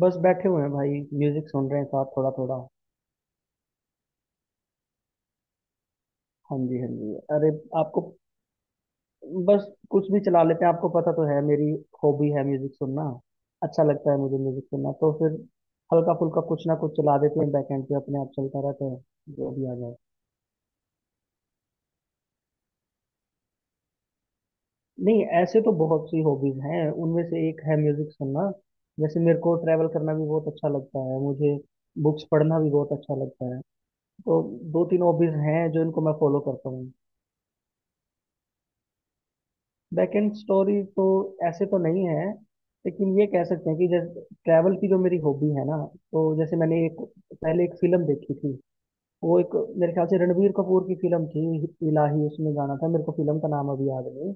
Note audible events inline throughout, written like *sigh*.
बस बैठे हुए हैं भाई। म्यूजिक सुन रहे हैं साथ थोड़ा थोड़ा। हाँ जी, हाँ जी, अरे आपको, बस कुछ भी चला लेते हैं, आपको पता तो है मेरी हॉबी है म्यूजिक सुनना। अच्छा लगता है मुझे म्यूजिक सुनना, तो फिर हल्का फुल्का कुछ ना कुछ चला देते हैं, बैकएंड पे अपने आप चलता रहता है, जो भी आ जाए। नहीं, ऐसे तो बहुत सी हॉबीज हैं, उनमें से एक है म्यूजिक सुनना। जैसे मेरे को ट्रैवल करना भी बहुत अच्छा लगता है, मुझे बुक्स पढ़ना भी बहुत अच्छा लगता है। तो दो तीन हॉबीज हैं जो इनको मैं फॉलो करता हूँ। बैकएंड स्टोरी तो ऐसे तो नहीं है, लेकिन ये कह सकते हैं कि जैसे ट्रैवल की जो मेरी हॉबी है ना, तो जैसे मैंने एक, पहले एक फिल्म देखी थी। वो एक, मेरे ख्याल से रणबीर कपूर की फिल्म थी। इलाही उसमें गाना था, मेरे को फिल्म का नाम अभी याद नहीं।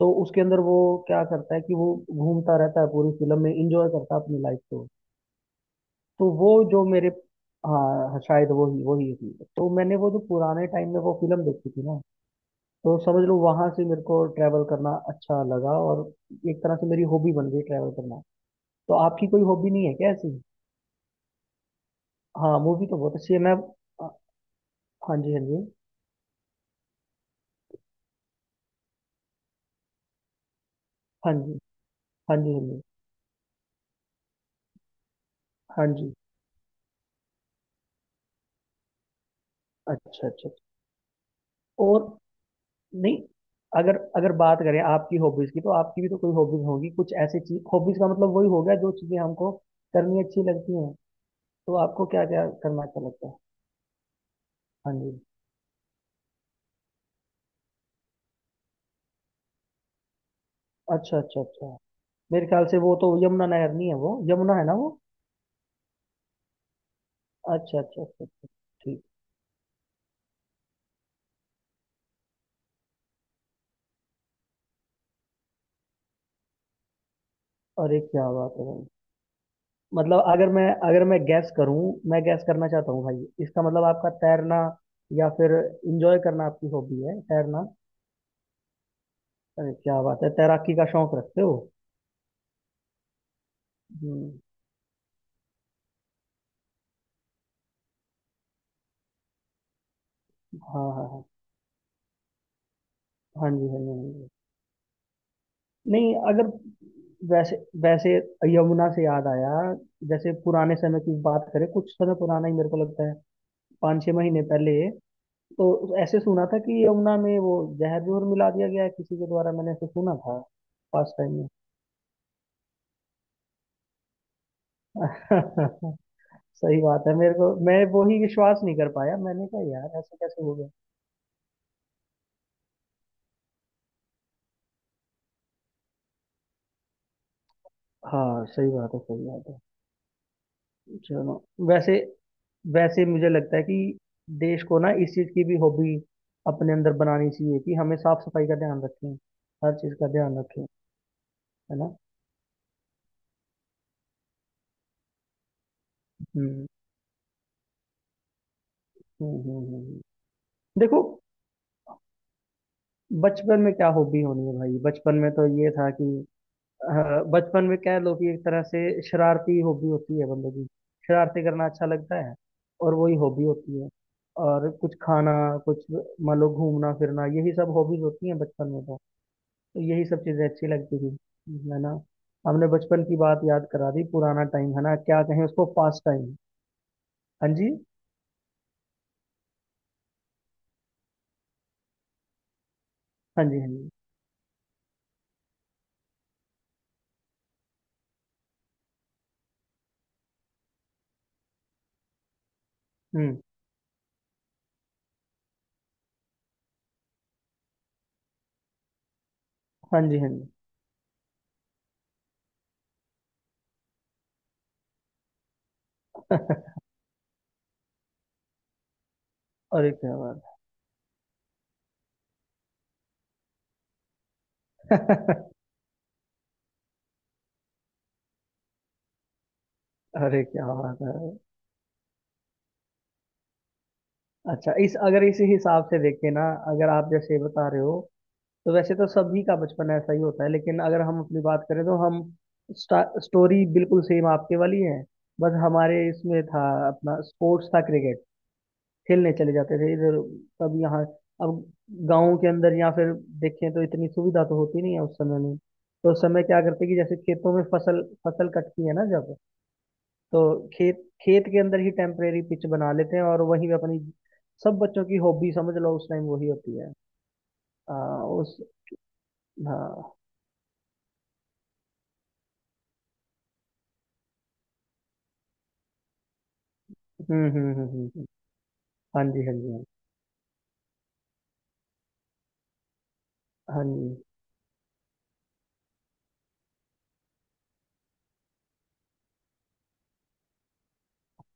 तो उसके अंदर वो, क्या करता है कि वो घूमता रहता है पूरी फिल्म में, इंजॉय करता है अपनी लाइफ को। तो वो जो मेरे, हाँ शायद वही वही थी, तो मैंने वो जो पुराने टाइम में वो फिल्म देखी थी ना, तो समझ लो वहां से मेरे को ट्रैवल करना अच्छा लगा और एक तरह से मेरी हॉबी बन गई ट्रैवल करना। तो आपकी कोई हॉबी नहीं है क्या ऐसी? हाँ मूवी तो बहुत अच्छी है। मैं, हाँ जी, हाँ जी, हाँ जी, हाँ जी, हाँ जी, हाँ जी। अच्छा अच्छा अच्छा। और नहीं, अगर अगर बात करें आपकी हॉबीज की, तो आपकी भी तो कोई हॉबीज होगी, कुछ ऐसी चीज। हॉबीज का मतलब वही हो गया, जो चीजें हमको करनी अच्छी लगती हैं। तो आपको क्या क्या करना अच्छा लगता है? हाँ जी। अच्छा अच्छा अच्छा। मेरे ख्याल से वो तो यमुना नहर नहीं है, वो यमुना है ना वो। अच्छा अच्छा अच्छा अच्छा। ठीक। अरे क्या बात है भाई। मतलब अगर मैं गैस करूं, मैं गैस करना चाहता हूं भाई, इसका मतलब आपका तैरना या फिर एंजॉय करना, आपकी हॉबी है तैरना। अरे क्या बात है, तैराकी का शौक रखते हो। हम्म, हाँ हाँ हाँ। हाँ जी, हाँ जी, हाँ जी। नहीं अगर, वैसे वैसे यमुना से याद आया। जैसे पुराने समय की बात करें, कुछ समय पुराना ही मेरे को लगता है, 5-6 महीने पहले। तो ऐसे सुना था कि यमुना में वो जहर भी और मिला दिया गया है किसी के द्वारा, मैंने ऐसे सुना था पास टाइम में। *laughs* सही बात है, मेरे को मैं वो ही विश्वास नहीं कर पाया, मैंने कहा यार ऐसा कैसे हो गया। हाँ सही बात है सही बात है। चलो, वैसे वैसे मुझे लगता है कि देश को ना इस चीज की भी हॉबी अपने अंदर बनानी चाहिए, कि हमें साफ सफाई का ध्यान रखें, हर चीज का ध्यान रखें। है ना। हम्म, हम्म, हम्म, देखो, बचपन में क्या हॉबी होनी है भाई, बचपन में तो ये था कि, हाँ, बचपन में कह लो कि एक तरह से शरारती हॉबी होती है बंदे की। शरारती करना अच्छा लगता है, और वही हॉबी होती है। और कुछ खाना, कुछ, मान लो घूमना फिरना, यही सब हॉबीज होती हैं बचपन में तो। तो यही सब चीजें अच्छी लगती थी। है ना। हमने बचपन की बात याद करा दी, पुराना टाइम है ना, क्या कहें उसको, पास टाइम। हाँ जी, हाँ जी, हाँ जी। हम्म। हाँ जी, हाँ जी। *laughs* अरे क्या बात। *laughs* अरे क्या बात है। अच्छा इस, अगर इसी हिसाब से देखें ना, अगर आप जैसे बता रहे हो, तो वैसे तो सभी का बचपन ऐसा ही होता है, लेकिन अगर हम अपनी बात करें तो हम, स्टोरी बिल्कुल सेम आपके वाली है। बस हमारे इसमें था अपना, स्पोर्ट्स था क्रिकेट, खेलने चले जाते थे इधर, कभी यहाँ। अब गाँव के अंदर या फिर देखें तो इतनी सुविधा तो होती नहीं है उस समय में। तो उस समय क्या करते कि जैसे खेतों में फसल, फसल कटती है ना जब, तो खेत, खेत के अंदर ही टेम्परेरी पिच बना लेते हैं और वहीं पे अपनी, सब बच्चों की हॉबी समझ लो उस टाइम वही होती है। आ, उस, हाँ। हम्म, हम्म, हम्म, हम्म। हाँ जी, हाँ जी, हाँ जी।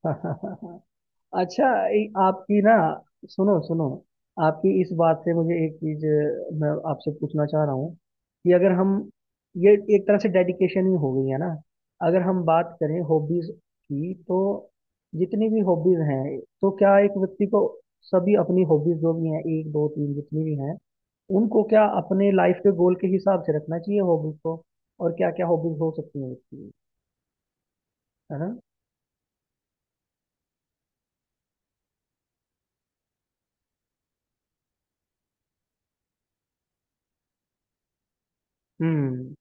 *laughs* अच्छा। आपकी ना, सुनो सुनो, आपकी इस बात से मुझे एक चीज, मैं आपसे पूछना चाह रहा हूँ कि अगर हम, ये एक तरह से डेडिकेशन ही हो गई है ना, अगर हम बात करें हॉबीज की, तो जितनी भी हॉबीज हैं, तो क्या एक व्यक्ति को सभी अपनी हॉबीज, जो भी हैं, एक दो तीन, जितनी भी हैं, उनको क्या अपने लाइफ के गोल के हिसाब से रखना चाहिए हॉबीज को, और क्या क्या हॉबीज हो सकती हैं व्यक्ति की? है ना। हम्म।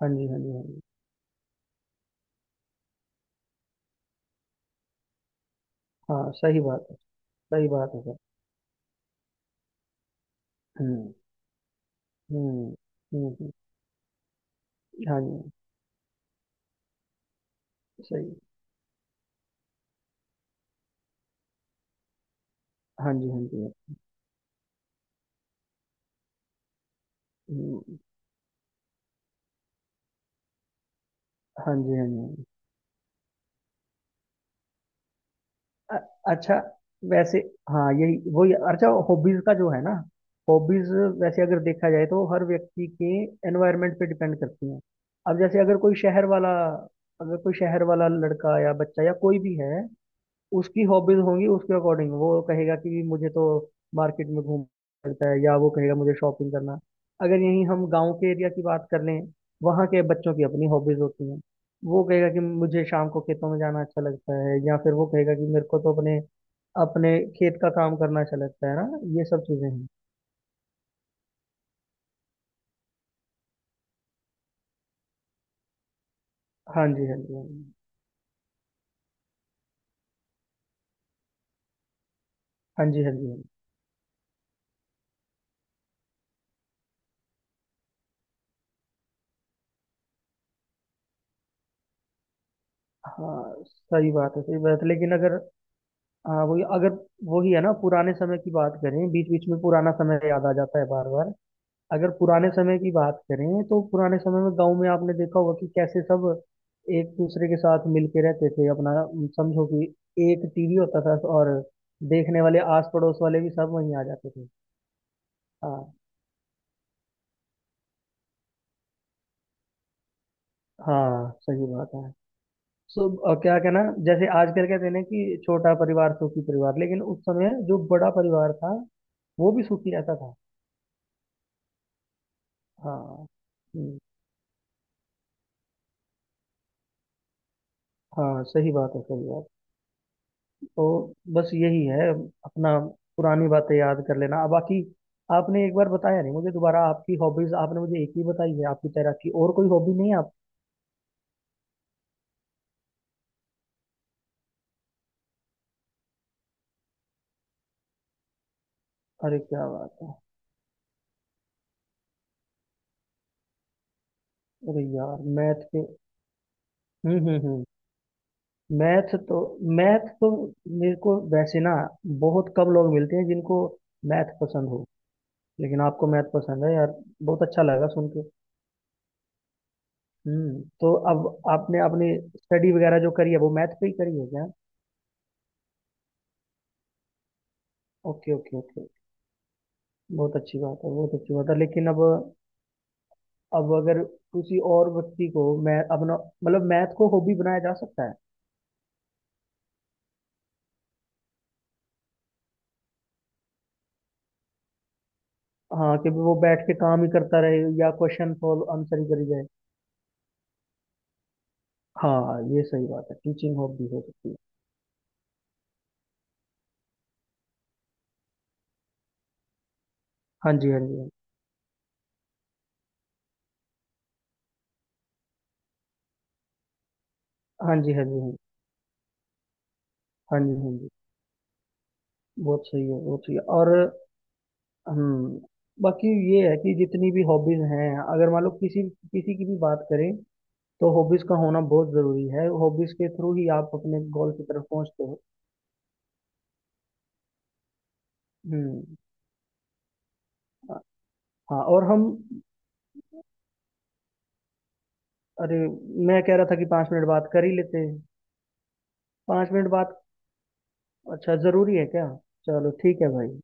हाँ जी, हाँ जी, हाँ जी। हाँ, सही बात है सर। हुँ, हुँ, हुँ, हुँ। हाँ जी, सही। हाँ जी, हाँ जी। हुँ, हाँ जी, हाँ जी, हाँ जी। अ अच्छा, वैसे, हाँ, यही वही अच्छा हॉबीज़ का जो है ना, हॉबीज़, वैसे अगर देखा जाए तो हर व्यक्ति के एनवायरनमेंट पे डिपेंड करती हैं। अब जैसे अगर कोई शहर वाला लड़का या बच्चा या कोई भी है, उसकी हॉबीज होंगी उसके अकॉर्डिंग, वो कहेगा कि मुझे तो मार्केट में घूमना पड़ता है, या वो कहेगा मुझे शॉपिंग करना। अगर यहीं हम गांव के एरिया की बात कर लें, वहाँ के बच्चों की अपनी हॉबीज होती हैं। वो कहेगा कि मुझे शाम को खेतों में जाना अच्छा लगता है, या फिर वो कहेगा कि मेरे को तो अपने अपने खेत का काम करना अच्छा लगता है ना, ये सब चीज़ें हैं। हाँ जी, हाँ जी, हाँ जी। हाँ जी, हाँ जी, हाँ जी। हाँ, सही बात है सही बात है, लेकिन अगर, हाँ वही अगर, वही है ना, पुराने समय की बात करें, बीच बीच में पुराना समय याद आ जाता है बार बार। अगर पुराने समय की बात करें, तो पुराने समय में गांव में आपने देखा होगा कि कैसे सब एक दूसरे के साथ मिलके रहते थे अपना, समझो कि एक टीवी होता था और देखने वाले आस पड़ोस वाले भी सब वहीं आ जाते थे। हाँ। हाँ सही बात है। सो, क्या कहना, जैसे आजकल कहते हैं ना कि छोटा परिवार सुखी परिवार, लेकिन उस समय जो बड़ा परिवार था, वो भी सुखी रहता था। हाँ। हम्म, हाँ सही बात है सही बात है। तो बस यही है अपना, पुरानी बातें याद कर लेना, अब बाकी आपने एक बार बताया नहीं मुझे दोबारा, आपकी हॉबीज, आपने मुझे एक ही बताई है, आपकी तैराकी, और कोई हॉबी नहीं है आप? अरे क्या बात है। अरे यार मैथ के। हम्म, हम्म, हम्म। मैथ तो मैथ तो मेरे को वैसे ना, बहुत कम लोग मिलते हैं जिनको मैथ पसंद हो, लेकिन आपको मैथ पसंद है यार। बहुत अच्छा लगा सुन के। हम्म, तो अब आपने अपनी स्टडी वगैरह जो करी है, वो मैथ पे ही करी है क्या? Okay okay okay. बहुत अच्छी बात है बहुत अच्छी बात है, लेकिन अब अगर किसी और व्यक्ति को मैं अपना, मतलब मैथ को, हॉबी बनाया जा सकता है? हाँ कि वो बैठ के काम ही करता रहे या क्वेश्चन सॉल्व, आंसर ही करी जाए। हाँ हाँ, ये सही बात है, टीचिंग हॉबी हो सकती है। हाँ जी, हाँ जी, हाँ जी। हाँ जी, हाँ। हाँ जी, हाँ जी। बहुत सही है बहुत सही है, और, हम्म, बाकी ये है कि जितनी भी हॉबीज हैं, अगर मान लो किसी किसी की भी बात करें, तो हॉबीज का होना बहुत जरूरी है, हॉबीज के थ्रू ही आप अपने गोल की तरफ पहुंचते हो। हम्म। हाँ और हम, अरे, मैं कह रहा था कि 5 मिनट बात कर ही लेते हैं। 5 मिनट बात। अच्छा ज़रूरी है क्या? चलो ठीक है भाई।